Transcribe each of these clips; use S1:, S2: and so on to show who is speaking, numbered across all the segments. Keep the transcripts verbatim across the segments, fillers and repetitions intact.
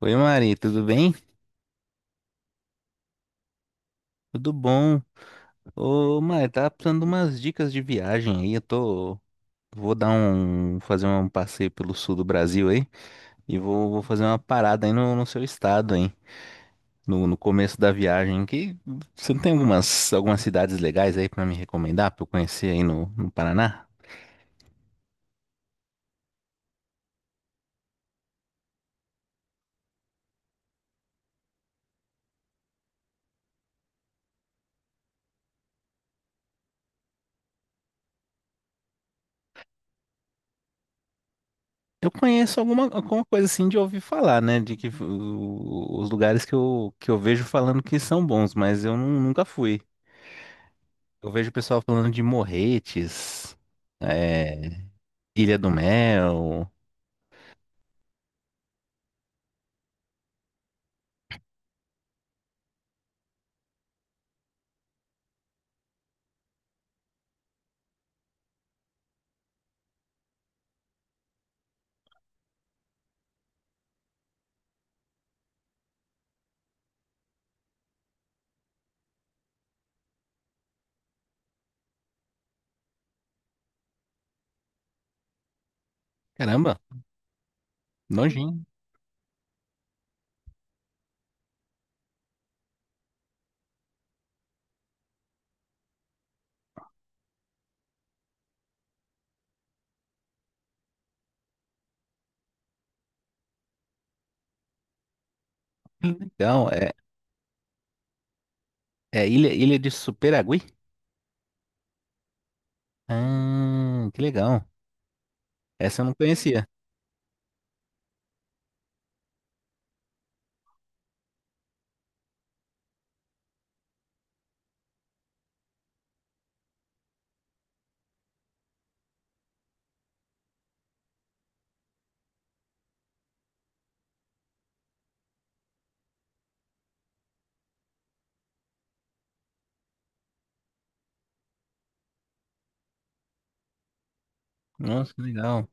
S1: Oi, Mari, tudo bem? Tudo bom? Ô, Mari, tava precisando de umas dicas de viagem aí. Eu tô. Vou dar um. Fazer um passeio pelo sul do Brasil aí. E vou, vou fazer uma parada aí no, no seu estado, hein? No, no começo da viagem. Que você não tem algumas, algumas cidades legais aí pra me recomendar, pra eu conhecer aí no, no Paraná? Eu conheço alguma, alguma coisa assim de ouvir falar, né? De que o- os lugares que eu, que eu vejo falando que são bons, mas eu nu- nunca fui. Eu vejo o pessoal falando de Morretes, é, Ilha do Mel. Caramba, nojinho. Que legal. É, é Ilha, Ilha de Superagui? Ah, que legal. Essa eu não conhecia. Nossa, que legal.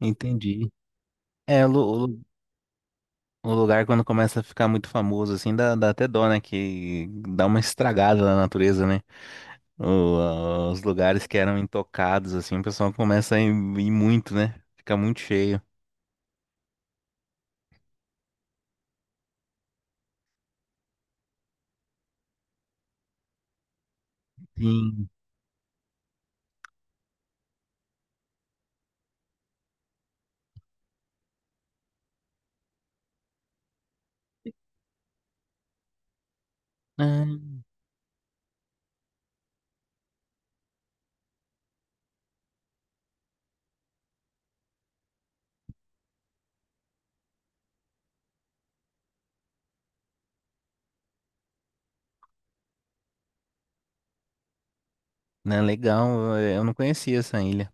S1: Entendi. É, o, lu- o lu- o lugar quando começa a ficar muito famoso, assim, dá, dá até dó, né? Que dá uma estragada na natureza, né? O- a- os lugares que eram intocados, assim, o pessoal começa a ir, ir muito, né? Fica muito cheio. Sim. Ah. Né, legal, eu não conhecia essa ilha.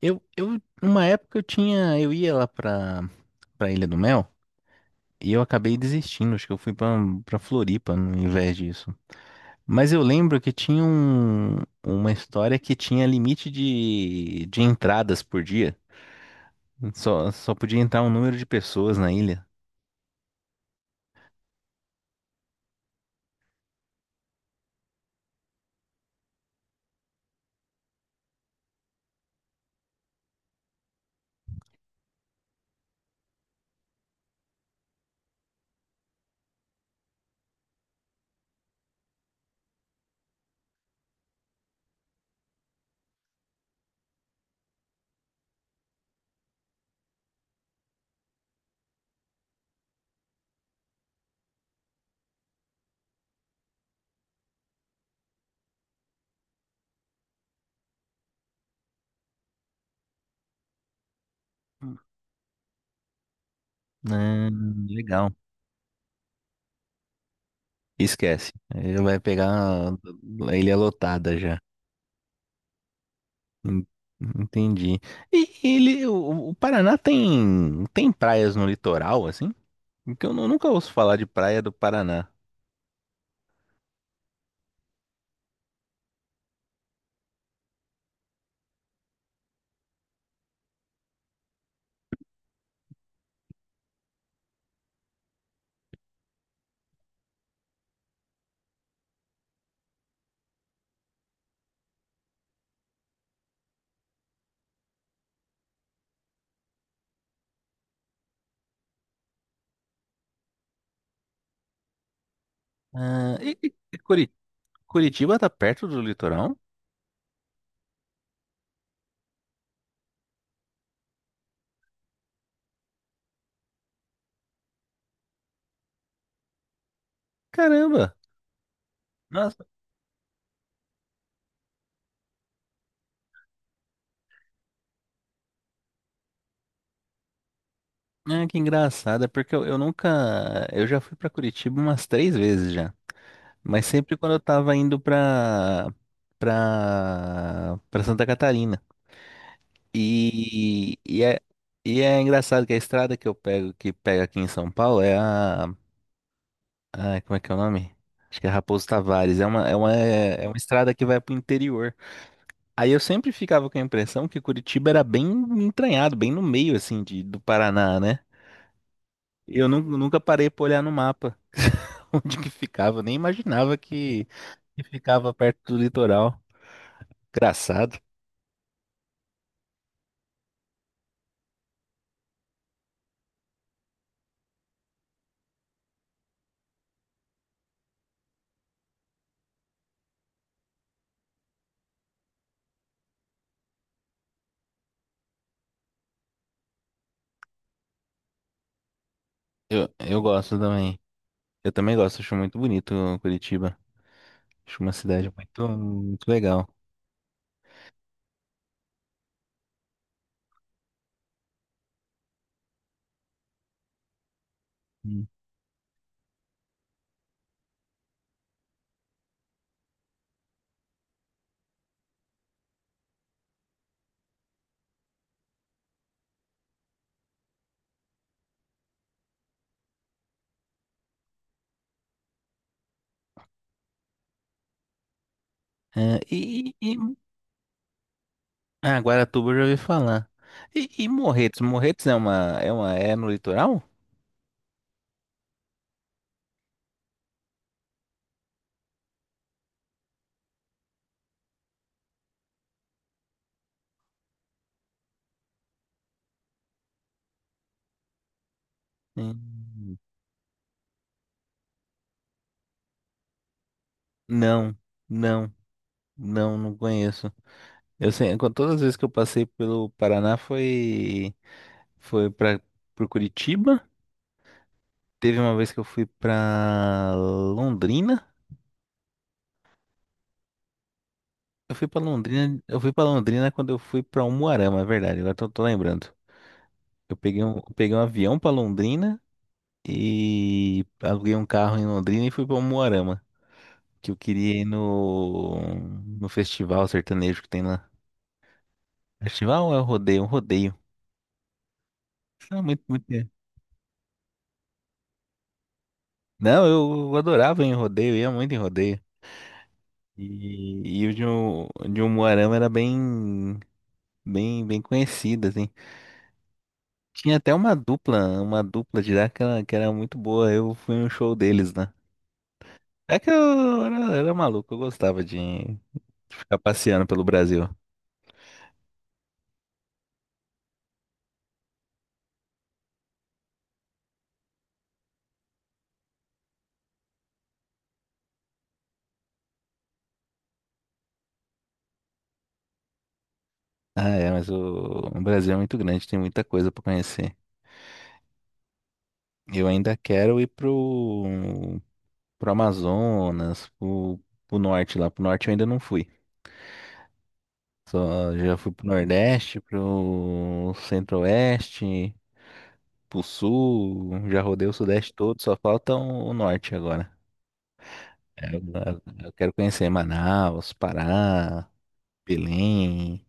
S1: Eu, eu, numa época eu tinha, eu ia lá pra, pra Ilha do Mel e eu acabei desistindo, acho que eu fui pra, pra Floripa no invés disso. Mas eu lembro que tinha um, uma história que tinha limite de, de entradas por dia. Só, só podia entrar um número de pessoas na ilha. Hum, legal. Esquece. Ele vai pegar a a ilha lotada já. En- Entendi. E ele, o, o Paraná tem tem praias no litoral, assim? Porque eu nu- nunca ouço falar de praia do Paraná. Ah, e, e- e Curi- Curitiba tá perto do litoral? Caramba! Nossa, ah, que engraçado, é porque eu, eu nunca, eu já fui pra Curitiba umas três vezes já, mas sempre quando eu tava indo pra para para Santa Catarina. E, e é. E é engraçado que a estrada que eu pego, que pega aqui em São Paulo, é a. Ah, como é que é o nome? Acho que é Raposo Tavares. É uma, é uma, é uma estrada que vai pro interior. Aí eu sempre ficava com a impressão que Curitiba era bem entranhado, bem no meio, assim, de, do Paraná, né? Eu nu- nunca parei pra olhar no mapa onde que ficava. Nem imaginava que, que ficava perto do litoral. Engraçado. Eu, eu gosto também. Eu também gosto, acho muito bonito Curitiba. Acho uma cidade muito, muito legal. Hum. É, e-. Ah, Guaratuba eu já ouvi falar. E, e Morretes? Morretes é uma, é uma, é no litoral? Hum, não, não, não, não conheço. Eu sei, com todas as vezes que eu passei pelo Paraná foi, foi para por Curitiba. Teve uma vez que eu fui pra Londrina. Eu fui pra Londrina, eu fui para Londrina quando eu fui pra Umuarama, é verdade. Agora tô, tô lembrando. Eu peguei um, eu peguei um avião pra Londrina e aluguei um carro em Londrina e fui pra Umuarama. Que eu queria ir no, no festival sertanejo que tem lá. Festival é o rodeio? Um rodeio. Não, muito, muito. Não, eu adorava ir em rodeio, ia muito em rodeio. E, e o de um, de um Moarama era bem, bem, bem conhecido, assim. Tinha até uma dupla, uma dupla de lá que era, que era muito boa. Eu fui no show deles, né? É que eu era, era maluco, eu gostava de, de ficar passeando pelo Brasil. Ah, é, mas o, o Brasil é muito grande, tem muita coisa pra conhecer. Eu ainda quero ir pro, pro Amazonas, pro, pro norte lá. Pro norte eu ainda não fui. Só já fui pro Nordeste, pro Centro-Oeste, pro Sul, já rodei o Sudeste todo, só falta o o Norte agora. É, Eu, eu quero conhecer Manaus, Pará, Belém.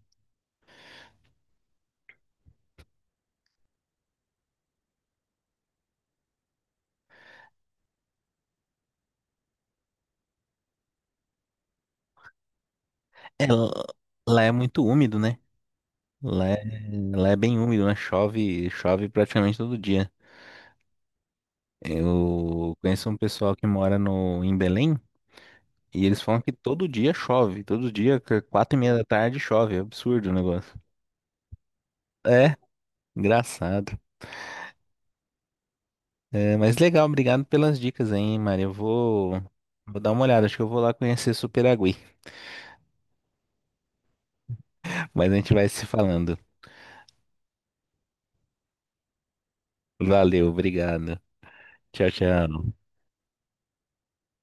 S1: É, l- lá é muito úmido, né? Lá é, lá é bem úmido, né? Chove, chove praticamente todo dia. Eu conheço um pessoal que mora no, em Belém. E eles falam que todo dia chove, todo dia, que quatro e meia da tarde chove, é absurdo o negócio. É, engraçado. É, mas legal, obrigado pelas dicas aí, hein, Maria. Eu vou, vou dar uma olhada, acho que eu vou lá conhecer Superagui. Mas a gente vai se falando. Valeu, obrigado. Tchau, tchau.